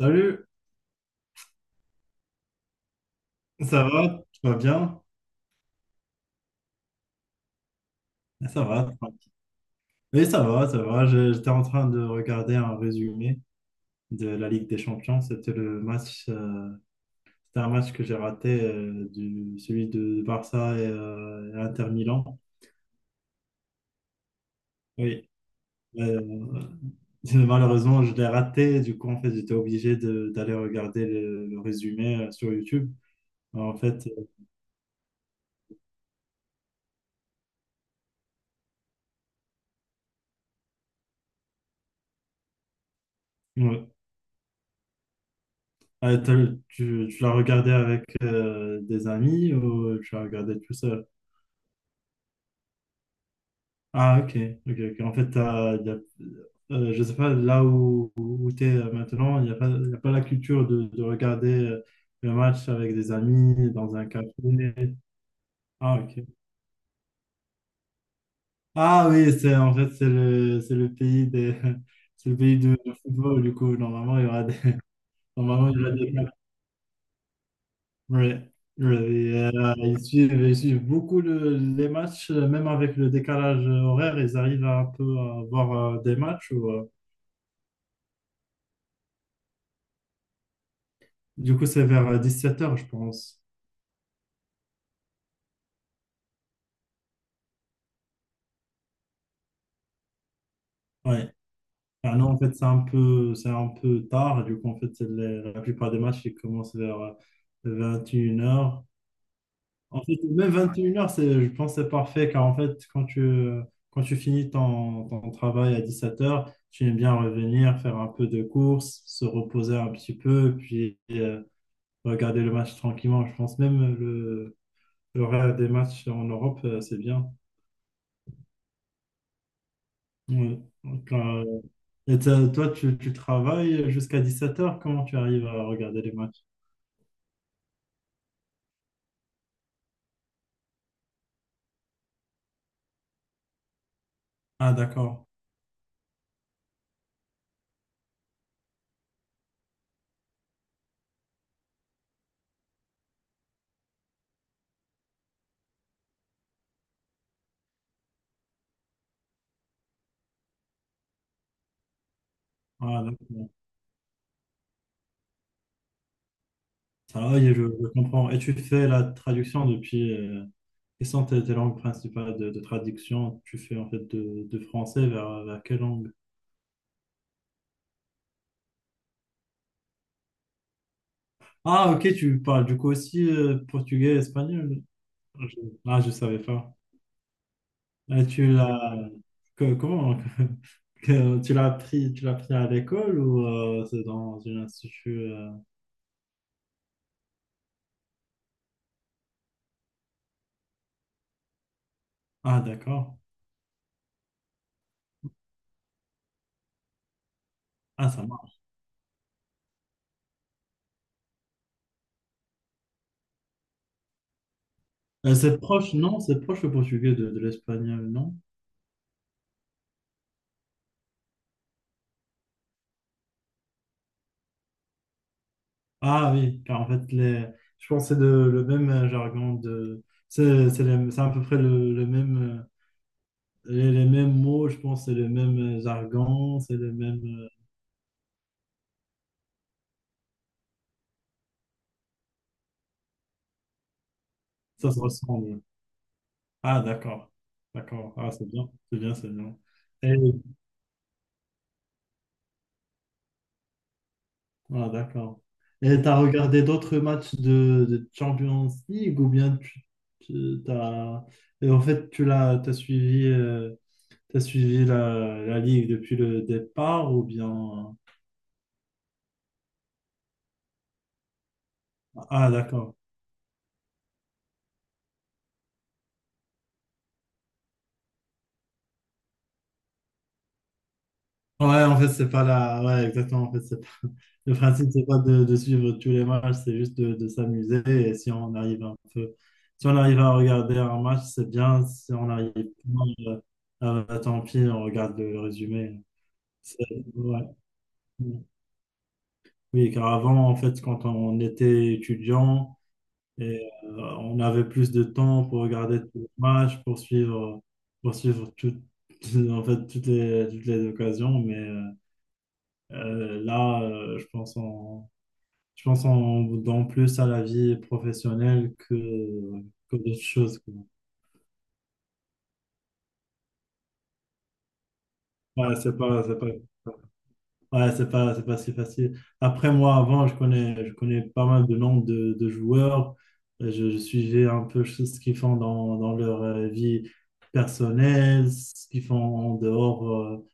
Salut, ça va? Tu vas bien? Ça va. Oui, ça va, ça va. J'étais en train de regarder un résumé de la Ligue des Champions. C'était un match que j'ai raté, celui de Barça et Inter Milan. Oui. Euh, Malheureusement, je l'ai raté. Du coup, en fait, j'étais obligé d'aller regarder le résumé sur YouTube. En fait, euh, ouais. Ah, tu l'as regardé avec des amis ou tu l'as regardé tout seul? Ah, ok, ok, ok. En fait, je sais pas, là où tu es maintenant, il n'y a pas, y a pas la culture de regarder le match avec des amis dans un café. Ah, ok. Ah oui, c'est en fait, c'est le pays c'est le pays du football, du coup. Normalement, il y aura des, normalement, il y aura des Ouais, ouais. Et, ils suivent beaucoup les matchs, même avec le décalage horaire, ils arrivent à un peu à voir des matchs. Du coup, c'est vers 17 heures, je pense. Ouais. Ah non, en fait, c'est un peu tard. Du coup, en fait, la plupart des matchs, ils commencent vers 21 heures. En fait, même 21 heures je pense que c'est parfait car en fait, quand tu finis ton travail à 17 heures, tu aimes bien revenir, faire un peu de course, se reposer un petit peu, puis regarder le match tranquillement. Je pense même le l'horaire des matchs en Europe, c'est bien. Ouais. Toi, tu travailles jusqu'à 17 heures, comment tu arrives à regarder les matchs? Ah, d'accord. Ah, d'accord. Ça va, je comprends. Et tu fais la traduction depuis, Et sans tes langues principales de traduction, tu fais en fait de français vers quelle langue? Ah, ok, tu parles du coup aussi portugais, espagnol. Je- Ah, je savais pas. Et tu l'as Comment tu l'as appris à l'école ou c'est dans un institut. Ah, d'accord. Ah, ça marche. C'est proche, non? C'est proche le portugais de l'espagnol, non? Ah oui, car en fait je pense que c'est le même jargon c'est à peu près le même. J'ai les mêmes mots, je pense, c'est le même jargon, c'est le même. Ça se ressemble. Ah, d'accord. D'accord. Ah, c'est bien. C'est bien, c'est bien. Et... Ah, d'accord. Et t'as regardé d'autres matchs de Champions League ou bien tu, tu- t'as... et en fait, tu l'as, t'as suivi la Ligue depuis le départ ou bien. Ah, d'accord. Ouais, en fait, c'est pas la. Ouais, exactement. Le principe, c'est pas de suivre tous les matchs, c'est juste de s'amuser. Et si on arrive un peu, si on arrive à regarder un match, c'est bien. Si on arrive pas, bah, tant pis, on regarde le résumé. C'est- ouais. Oui, car avant, en fait, quand on était étudiant, on avait plus de temps pour regarder tous les matchs, pour suivre en fait, toutes les occasions. Mais là, je pense qu'on Je pense qu'on donne plus à la vie professionnelle que d'autres choses, quoi. Ouais, c'est pas, c'est pas, ouais, c'est pas si facile. Après, moi, avant, je connais pas mal de noms de joueurs. Je suivais un peu ce qu'ils font dans leur vie personnelle, ce qu'ils font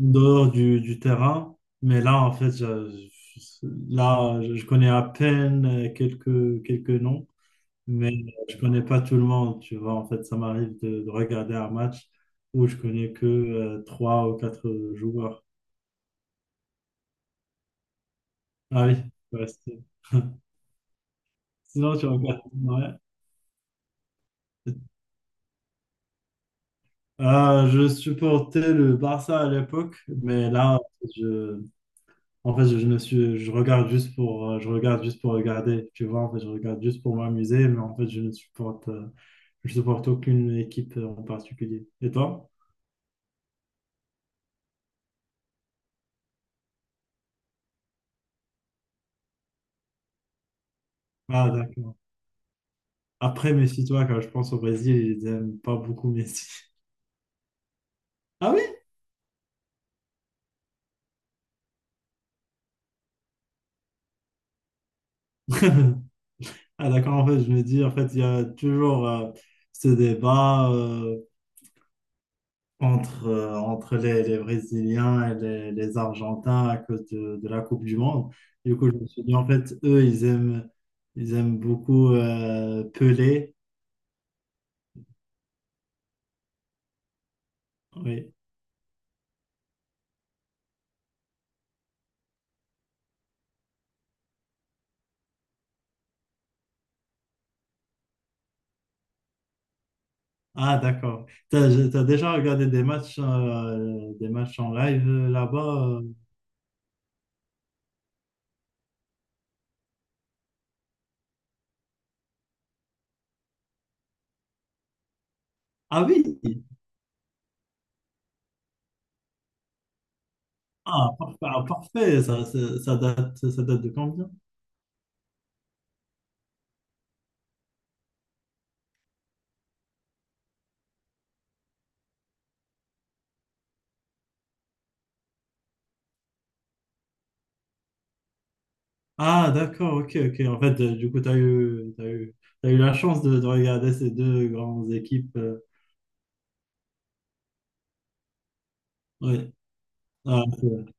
en dehors du terrain. Mais là, en fait, je- là, je connais à peine quelques noms. Mais je connais pas tout le monde, tu vois. En fait, ça m'arrive de regarder un match où je connais que trois ou quatre joueurs. Ah oui, ouais, sinon tu regardes. Ouais. Ah, je supportais le Barça à l'époque, mais là, je, en fait, je ne suis, je regarde juste je regarde juste pour regarder, tu vois. En fait, je regarde juste pour m'amuser, mais en fait, je ne supporte, je supporte aucune équipe en particulier. Et toi? Ah, d'accord. Après, méfie-toi, quand je pense au Brésil, ils aiment pas beaucoup Messi. Ah oui? Ah d'accord, en fait, je me dis, en fait, il y a toujours ce débat entre les Brésiliens et les Argentins à cause de la Coupe du Monde. Du coup, je me suis dit, en fait, eux, ils aiment beaucoup Pelé. Oui. Ah d'accord. T'as déjà regardé des matchs en live là-bas? Ah oui! Ah, parfait, ah, parfait. Ça date de combien? Ah, d'accord, ok, ok. En fait, du coup, tu as eu, t'as eu, t'as eu la chance de regarder ces deux grandes équipes. Ouais. Ah, c'est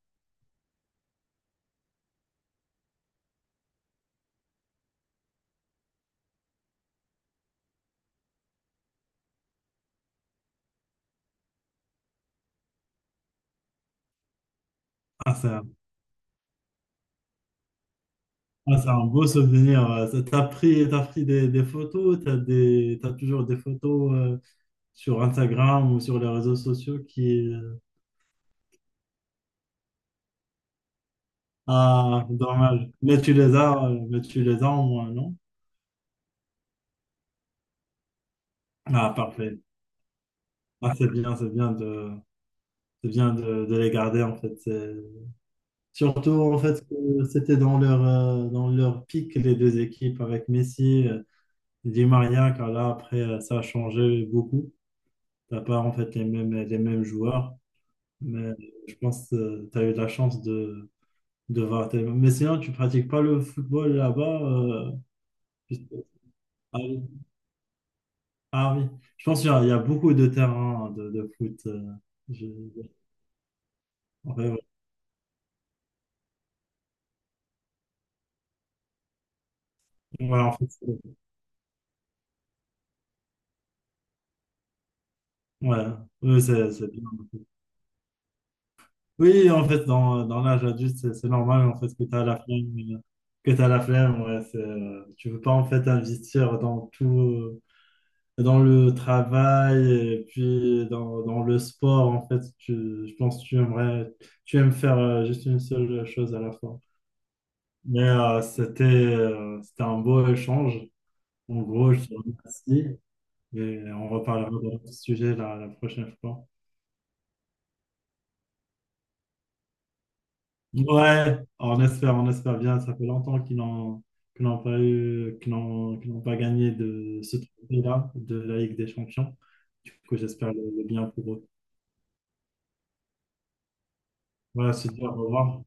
ah, c'est un, ah, c'est un beau souvenir. Ouais. T'as pris des photos, t'as toujours des photos sur Instagram ou sur les réseaux sociaux qui... Ah, dommage. Mais tu les as au moins, non? Ah, parfait. Ah, c'est bien, c'est bien de les garder en fait. Surtout, en fait, que c'était dans leur pic, les deux équipes, avec Messi, Di Maria, car là, après, ça a changé beaucoup. T'as pas, en fait, les mêmes joueurs. Mais je pense que tu as eu la chance de voir. Mais sinon, tu pratiques pas le football là-bas. Juste- Ah oui. Ah oui. Je pense qu'il y a beaucoup de terrains de foot. Je- ouais, ouais. Ouais, en fait, Ouais. Ouais, c'est bien. Oui, en fait, dans l'âge adulte, c'est normal en fait que tu as la flemme, ouais, tu veux pas en fait investir dans tout, dans le travail et puis dans le sport en fait, tu, je pense que tu aimerais, tu aimes faire juste une seule chose à la fois. C'était un beau échange. En gros, je te remercie et on reparlera de ce sujet la prochaine fois. Ouais, on espère bien. Ça fait longtemps qu'ils n'ont pas gagné de ce trophée-là, de la Ligue des Champions. Du coup, j'espère le bien pour eux. Voilà, c'est dit, au revoir.